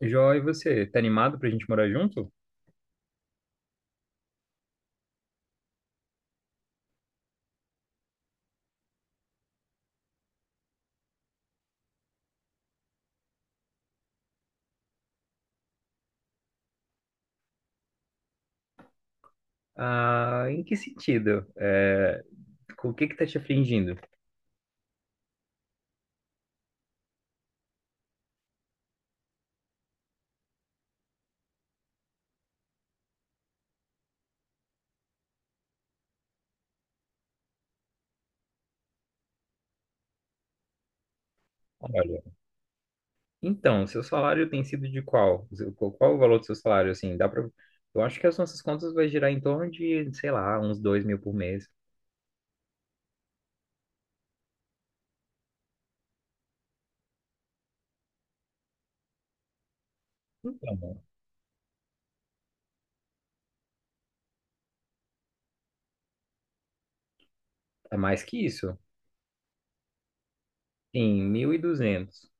Jó, e você, tá animado pra gente morar junto? Ah, em que sentido? É, com o que que tá te afligindo? Olha, então, seu salário tem sido de qual? Qual o valor do seu salário, assim, dá pra. Eu acho que as nossas contas vai girar em torno de, sei lá, uns 2.000 por mês. Então, é mais que isso. Sim, 1.200.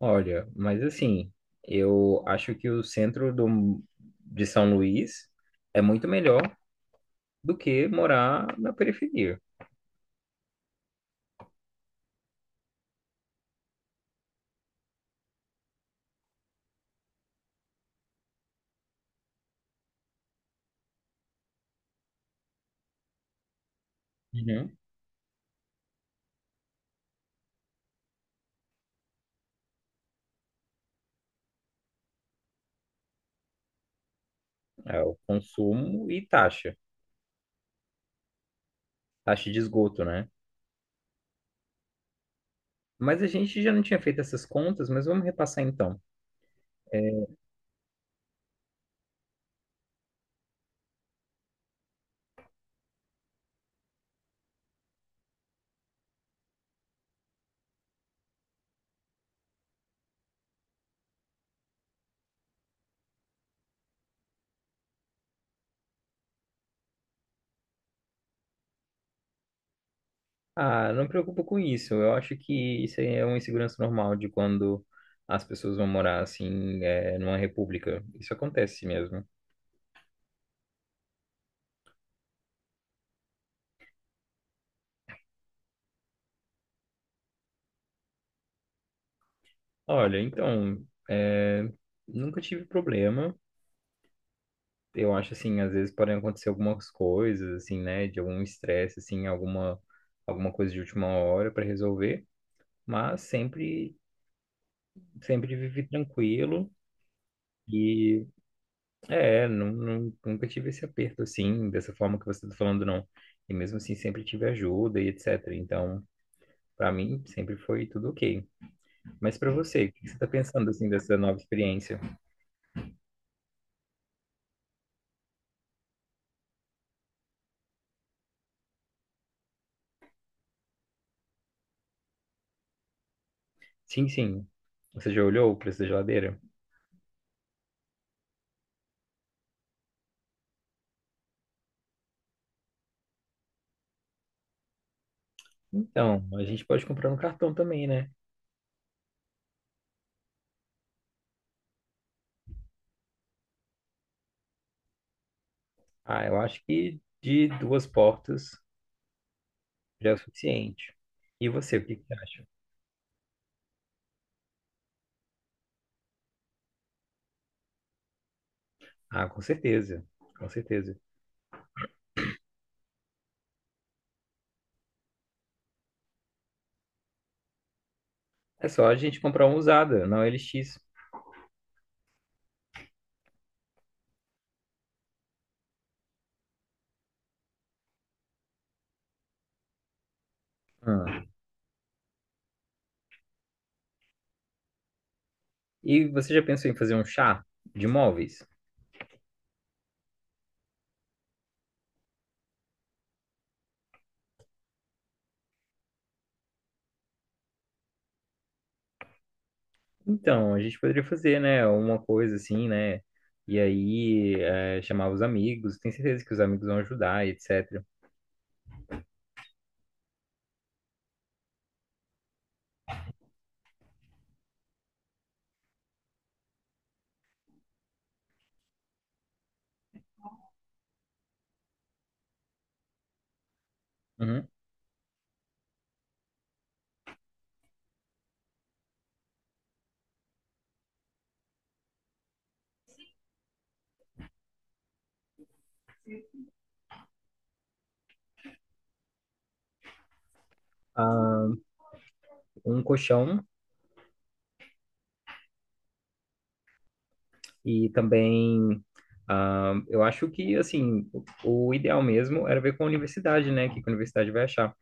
Olha, mas assim, eu acho que o centro de São Luís é muito melhor do que morar na periferia. É o consumo e taxa, de esgoto, né? Mas a gente já não tinha feito essas contas, mas vamos repassar então. É. Ah, não me preocupo com isso. Eu acho que isso aí é uma insegurança normal de quando as pessoas vão morar assim, é, numa república. Isso acontece mesmo. Olha, então, é, nunca tive problema. Eu acho assim, às vezes podem acontecer algumas coisas, assim, né, de algum estresse, assim, alguma coisa de última hora para resolver, mas sempre vivi tranquilo e nunca tive esse aperto assim, dessa forma que você está falando, não. E mesmo assim sempre tive ajuda e etc. Então, para mim sempre foi tudo ok. Mas para você, o que que você está pensando assim dessa nova experiência? Sim, sim. Você já olhou o preço da geladeira? Então, a gente pode comprar no cartão também, né? Ah, eu acho que de duas portas já é o suficiente. E você, o que que você acha? Ah, com certeza, com certeza. É só a gente comprar uma usada, não LX. Ah, e você já pensou em fazer um chá de móveis? Então, a gente poderia fazer, né? Uma coisa assim, né? E aí, é, chamar os amigos. Tenho certeza que os amigos vão ajudar, etc. Uhum. Ah, um colchão e também, eu acho que, assim, o ideal mesmo era ver com a universidade, né? O que que a universidade vai achar.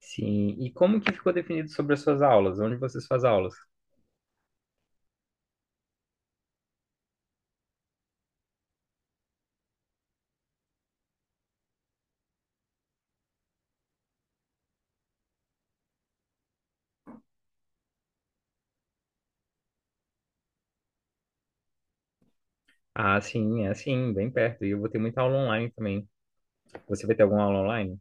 Sim. E como que ficou definido sobre as suas aulas? Onde vocês fazem aulas? Ah, sim, é assim, bem perto. E eu vou ter muita aula online também. Você vai ter alguma aula online?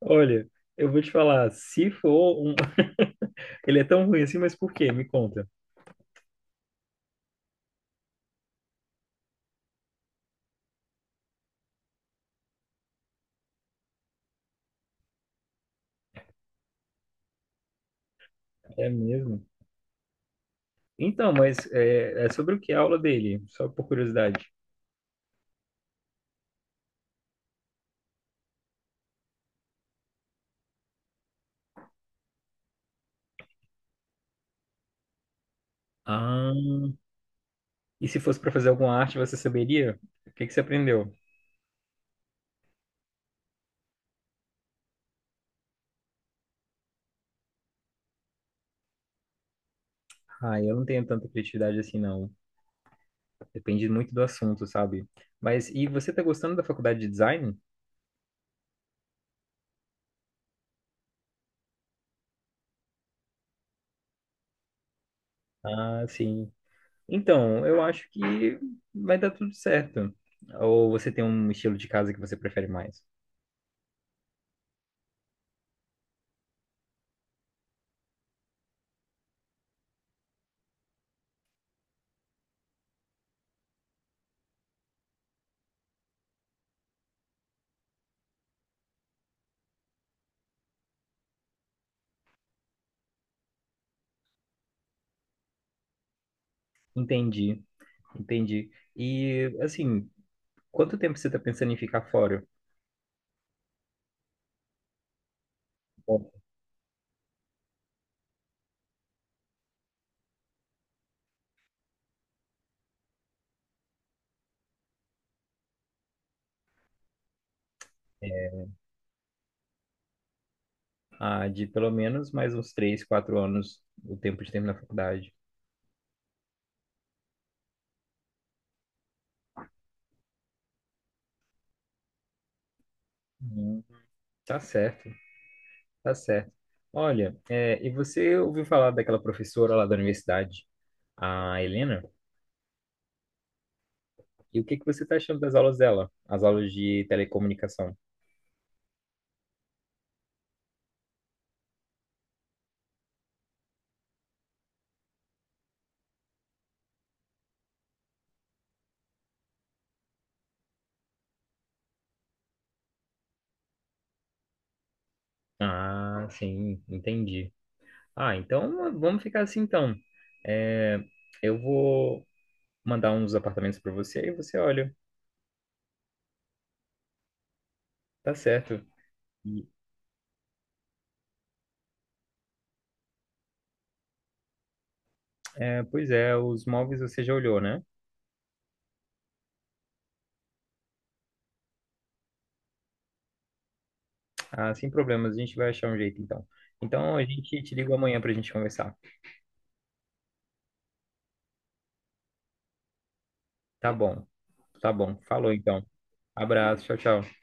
Olha, eu vou te falar, se for um. Ele é tão ruim assim, mas por quê? Me conta. É mesmo? Então, mas é sobre o que a aula dele? Só por curiosidade. Ah, e se fosse para fazer alguma arte, você saberia? O que que você aprendeu? Ah, eu não tenho tanta criatividade assim, não. Depende muito do assunto, sabe? Mas e você tá gostando da faculdade de design? Ah, sim. Então, eu acho que vai dar tudo certo. Ou você tem um estilo de casa que você prefere mais? Entendi. Entendi. E, assim, quanto tempo você está pensando em ficar fora? Bom, de pelo menos mais uns 3, 4 anos, o tempo de terminar a faculdade. Uhum. Tá certo, tá certo. Olha, e você ouviu falar daquela professora lá da universidade, a Helena? E o que que você está achando das aulas dela? As aulas de telecomunicação? Ah, sim, entendi. Ah, então vamos ficar assim então. É, eu vou mandar uns apartamentos para você e você olha. Tá certo. E, Pois é, os móveis você já olhou, né? Ah, sem problemas, a gente vai achar um jeito então. Então a gente te liga amanhã pra gente conversar. Tá bom, tá bom. Falou então. Abraço, tchau, tchau.